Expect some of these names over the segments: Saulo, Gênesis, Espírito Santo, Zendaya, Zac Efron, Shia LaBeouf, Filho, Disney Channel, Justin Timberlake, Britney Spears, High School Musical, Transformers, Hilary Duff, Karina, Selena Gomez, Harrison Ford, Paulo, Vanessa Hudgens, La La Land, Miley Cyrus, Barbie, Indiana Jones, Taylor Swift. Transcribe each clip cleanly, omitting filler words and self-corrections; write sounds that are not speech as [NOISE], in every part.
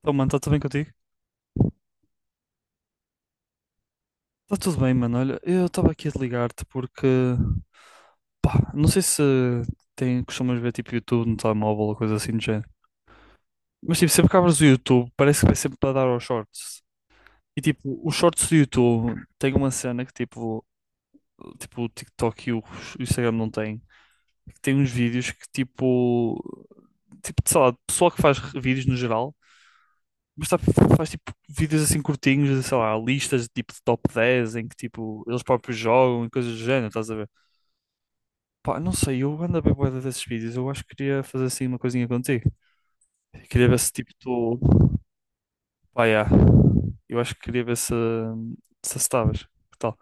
Então, mano, está tudo bem contigo? Está tudo bem, mano. Olha, eu estava aqui a te ligar-te porque, pá, não sei se tem, costumas ver tipo YouTube no telemóvel ou coisa assim do género. Mas tipo, sempre que abres o YouTube, parece que vai sempre para dar aos shorts. E tipo, os shorts do YouTube tem uma cena que tipo, tipo o TikTok e o Instagram não têm. Que tem uns vídeos que tipo, tipo, sei lá, pessoal que faz vídeos no geral. Mas sabe, faz tipo vídeos assim curtinhos, sei lá, listas tipo de top 10 em que tipo eles próprios jogam e coisas do género, estás a ver? Pá, não sei, eu ando a ver bué desses vídeos, eu acho que queria fazer assim uma coisinha contigo. Queria ver se tipo tu. Pá, yeah. Eu acho que queria ver se estavas. Que tal?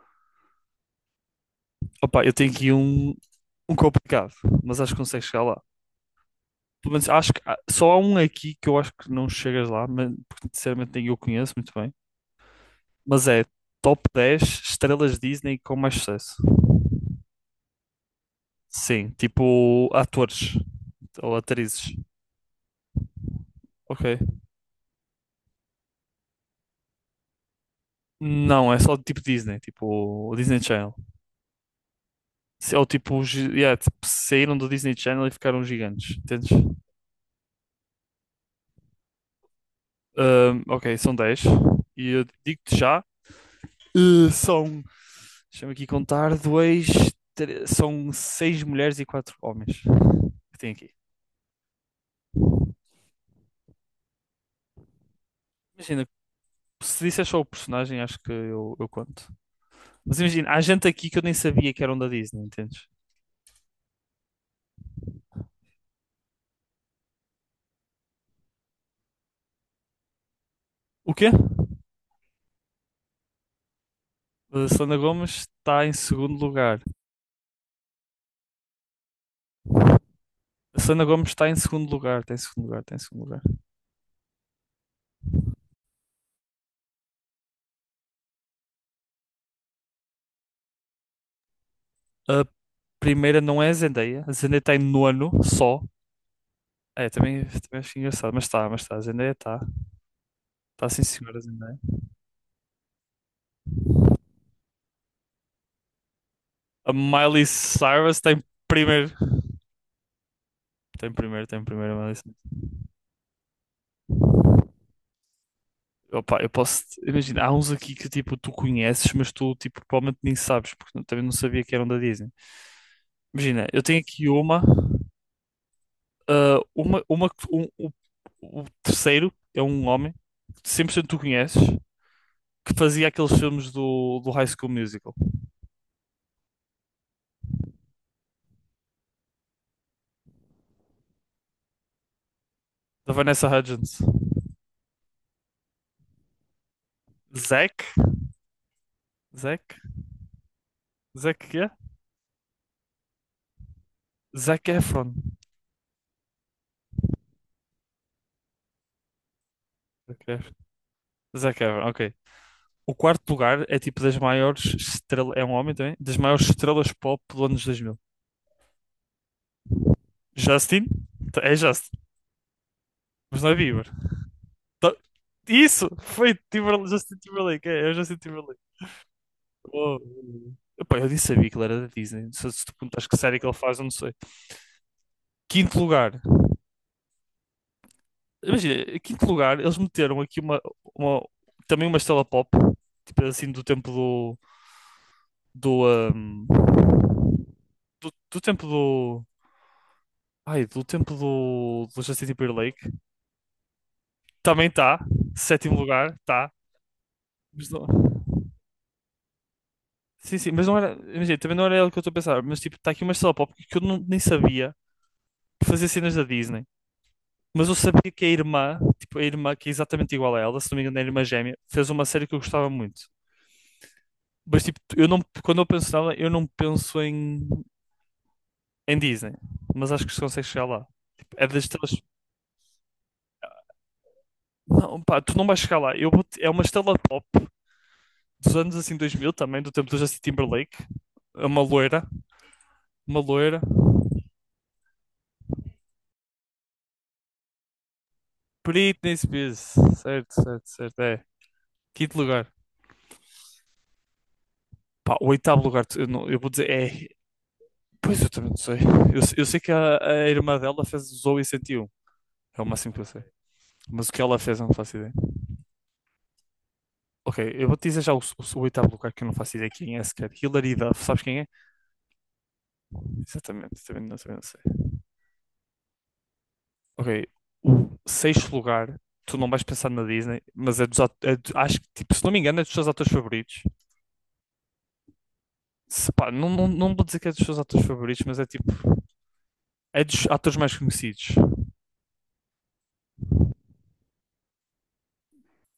Opa, eu tenho aqui um, um complicado, mas acho que consegues chegar lá. Pelo menos acho que só há um aqui que eu acho que não chegas lá, mas porque sinceramente nem eu conheço muito bem. Mas é top 10 estrelas Disney com mais sucesso. Sim, tipo atores ou atrizes. Ok. Não, é só tipo Disney, tipo o Disney Channel. Ou tipo, yeah, tipo, saíram do Disney Channel e ficaram gigantes, entendes? Ok, são dez. E eu digo-te já, são, deixa-me aqui contar, dois, são seis mulheres e quatro homens que tem aqui. Imagina, se disser só o personagem, acho que eu conto. Mas imagina, há gente aqui que eu nem sabia que eram da Disney, entendes? O quê? A Selena Gomez está em segundo lugar. A Selena Gomez está em segundo lugar, está em segundo lugar, está em segundo lugar. A primeira não é a Zendaya. A Zendaya está em nono só. É, também acho engraçado, mas está, mas está. A Zendaya está. Está sim, senhora Zendaya. A Miley Cyrus está em primeiro. Tem primeiro, tem primeiro a Miley Cyrus. Opa, eu posso. Imagina, há uns aqui que tipo, tu conheces, mas tu tipo, provavelmente nem sabes, porque também não sabia que eram da Disney. Imagina, eu tenho aqui uma, ah, uma, uma, que- um- o, o terceiro é um homem que cem por cento tu conheces, que fazia aqueles filmes do, do High School Musical, da Vanessa Hudgens. Zac? Zac? Zac quê? Zac Efron. Zac Efron, Zac Efron, ok. O quarto lugar é tipo das maiores estrelas, é um homem também, das maiores estrelas pop do anos 2000. Justin? É Justin, mas não é Bieber. Tá- Isso! Foi Timberlake, Justin Timberlake, é, é o Justin Timberlake. Oh, epá, eu nem sabia que ele era da Disney. Se tu perguntas que série que ele faz, eu não sei. Quinto lugar. Imagina, quinto lugar, eles meteram aqui uma, uma- também uma estrela pop, tipo assim, do tempo do, do, ahm, do tempo do. Ai, do tempo do, do Justin Timberlake. Também está. Sétimo lugar, está. Mas não- Sim, sim, mas não era. Imagina, também não era ele que eu estou a pensar. Mas tipo, está aqui uma estrela pop que eu não- nem sabia que fazia cenas da Disney. Mas eu sabia que a irmã, tipo, a irmã que é exatamente igual a ela, se não me engano, é a irmã gêmea, fez uma série que eu gostava muito. Mas, tipo, eu não, quando eu penso nela, eu não penso em, em Disney. Mas acho que se consegue chegar lá. Tipo, é das estrelas. Não, pá, tu não vais chegar lá. É uma estrela pop dos anos assim 2000 também, do tempo do Justin Timberlake. É uma loira. Uma loira. Britney Spears. Certo, certo, certo. É. Quinto lugar. Pá, o oitavo lugar, eu, não- eu vou dizer, é. Pois eu também não sei. Eu sei que a irmã dela fez, usou e sentiu. É o máximo que eu sei. Mas o que ela fez eu não faço ideia. Ok, eu vou te dizer já o oitavo lugar que eu não faço ideia quem é sequer. Hilary Duff, sabes quem é? Exatamente, também não sei. Ok, o sexto lugar, tu não vais pensar na Disney, mas é dos ato- é do- acho que, tipo, se não me engano, é dos teus atores favoritos. Se pá, não, não, não vou dizer que é dos teus atores favoritos, mas é tipo, é dos atores mais conhecidos.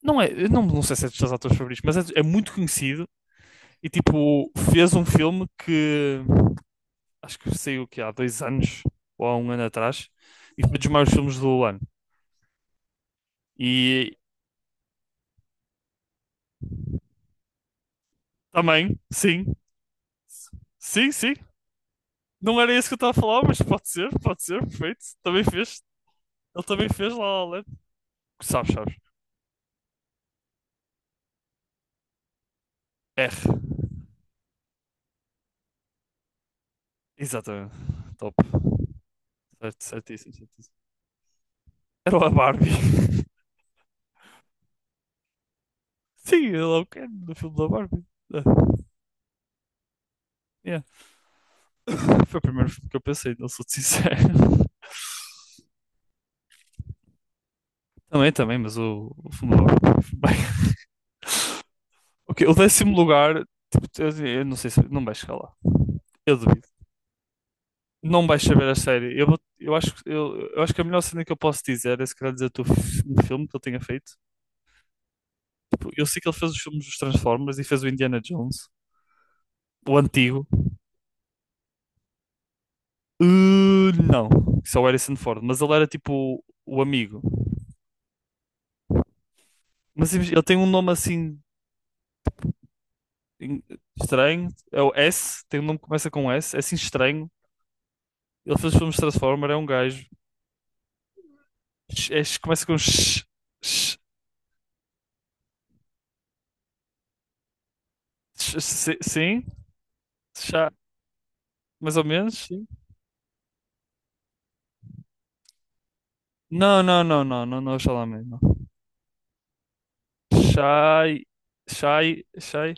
Não é, eu não, não sei se é dos teus atores favoritos, mas é, é muito conhecido. E tipo, fez um filme que acho que saiu que há dois anos ou há um ano atrás e foi um dos maiores filmes do ano. E também, sim, sim, sim. Não era isso que eu estava a falar, mas pode ser, perfeito. Também fez, ele também fez lá La La Land. Sabes, sabes. R. Exatamente. Top. Certo, certíssimo, certíssimo. Era a Barbie. [LAUGHS] Sim, ele é o Ken do filme da Barbie. Ah, yeah. [LAUGHS] Foi o primeiro filme que eu pensei, não sou sincero. Também, também, mas o segundo lugar. Bem. [LAUGHS] Ok, o décimo lugar, tipo, eu não sei se não vai chegar lá. Eu duvido. Não vais saber a série. Eu, vou- eu acho que a melhor cena que eu posso dizer é se calhar dizer um filme que ele tenha feito. Tipo, eu sei que ele fez os filmes dos Transformers e fez o Indiana Jones, o antigo. Não, isso é o Harrison Ford, mas ele era tipo o amigo. Ele tem um nome assim em- estranho, é o S, tem um nome que começa com S, é assim estranho. Ele fez os filmes de Transformers, é um gajo. É, começa com sh, sh, sim, chá, mais ou menos, sim. Não, não, não, não, não, não, Chalamet, não. Shai, Shai, Shai,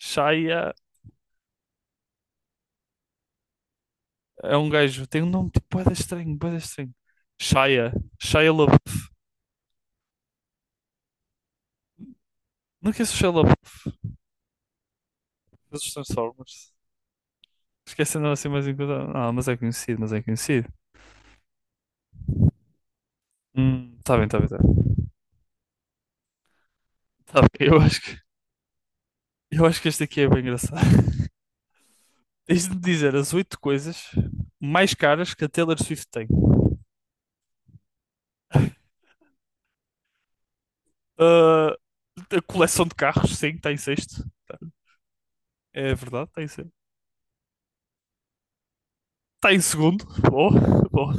Shia é um gajo, tem um nome tipo bué da estranho, bué da estranho. Shia, Shia LaBeouf. Não conheço o Shia LaBeouf, mas Transformers. Esquecendo assim mais enquanto. Ah, mas é conhecido, mas é conhecido. Tá bem, tá bem, tá bem. Tá bem, eu acho que este aqui é bem engraçado. Tens de me dizer as oito coisas mais caras que a Taylor Swift tem. [LAUGHS] Ah, a coleção de carros, sim, está em sexto. É verdade, está em sexto. Está em segundo. Bom, bom.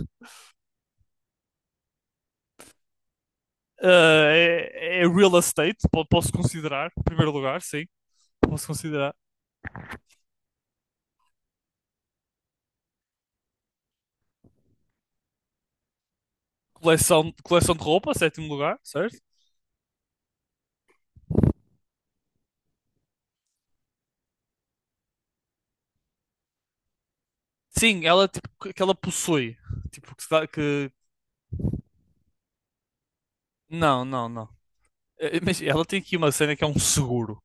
Ah, é, é real estate, posso considerar. Primeiro lugar, sim. Posso considerar. Coleção, coleção de roupa, sétimo lugar, certo? Sim, ela, tipo, que ela possui. Tipo, que, não, não, não. Mas ela tem aqui uma cena que é um seguro.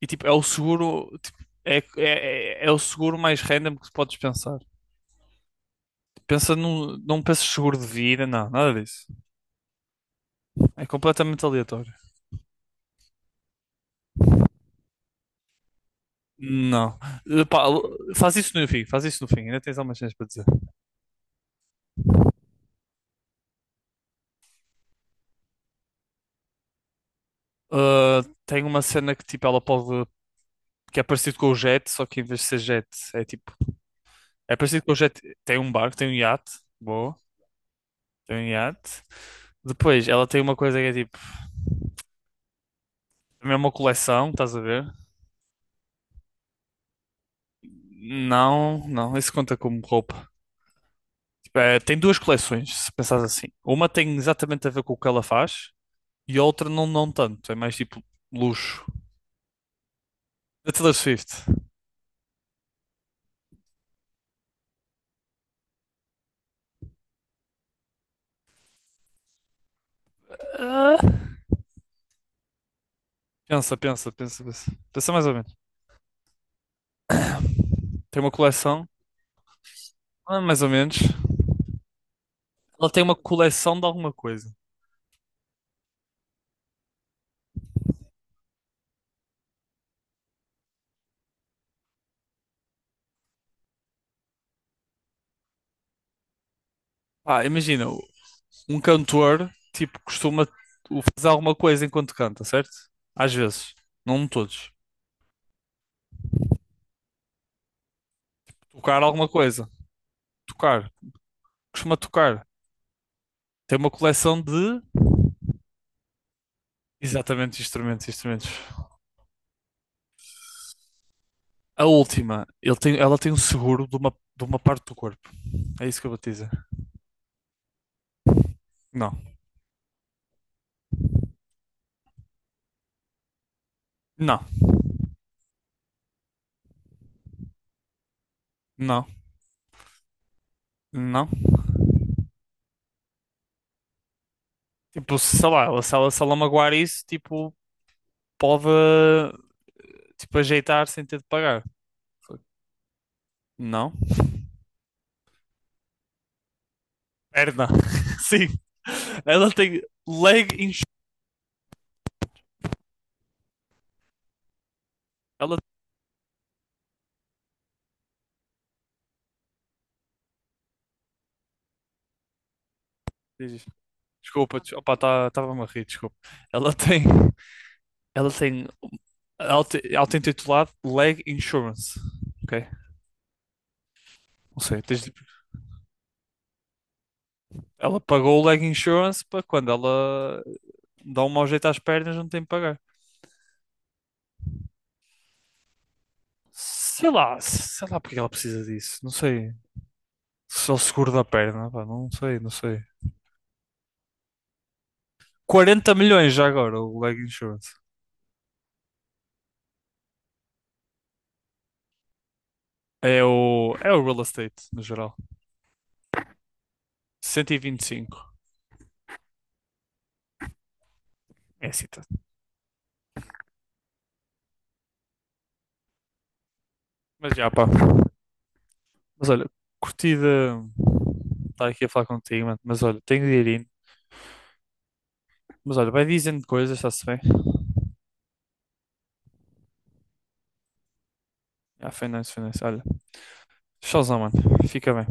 E tipo, é o seguro, tipo, é o seguro mais random que podes pensar. Pensa num, não penses seguro de vida, não, nada disso. É completamente aleatório. Não. Eh, pá, faz isso no fim, faz isso no fim, ainda tens algumas cenas para dizer. Ah, tem uma cena que tipo, ela pode. Que é parecido com o jet, só que em vez de ser jet, é tipo. É parecido com o jet. Tem um barco, tem um iate, boa, tem um iate. Depois, ela tem uma coisa que é tipo. Também é uma coleção, estás a ver? Não, não, isso conta como roupa. Tem duas coleções, se pensares assim. Uma tem exatamente a ver com o que ela faz e a outra não, não tanto. É mais tipo luxo. Da Taylor Swift. Ah. Pensa, pensa, pensa, pensa. Pensa mais ou menos. Tem uma coleção, ah, mais ou menos. Ela tem uma coleção de alguma coisa. Ah, imagina, um cantor, tipo, costuma fazer alguma coisa enquanto canta, certo? Às vezes. Não todos. Tocar alguma coisa. Tocar. Costuma tocar. Tem uma coleção de exatamente instrumentos, instrumentos. A última, ela tem um seguro de uma parte do corpo. É isso que eu vou te dizer. Não, não, não, não. Tipo, sei lá, ela, se ela magoar isso, tipo, pode tipo, ajeitar sem ter de pagar. Foi. Não. Perna. [LAUGHS] Sim. Ela tem leg insurance. Ela... Diz. Desculpa, des- opá, estava-me a rir, desculpa. Ela tem. Ela tem. Auto-intitulado Leg Insurance. Ok? Não sei. Ela pagou o leg insurance para quando ela dá um mau jeito às pernas, não tem que pagar. Sei lá porque ela precisa disso. Não sei. Só o seguro da perna, pá, não sei, não sei. 40 milhões já agora o leg insurance. É é o real estate, no geral. Cento e vinte e cinco. É assim, tá. Mas já, pá. Mas olha, curtida de estar aqui a falar contigo, mano. Mas olha, tenho de ir indo. Mas olha, vai dizendo coisas, está-se bem. Ah, foi nice, foi nice. Olha, tchauzão, mano. Fica bem.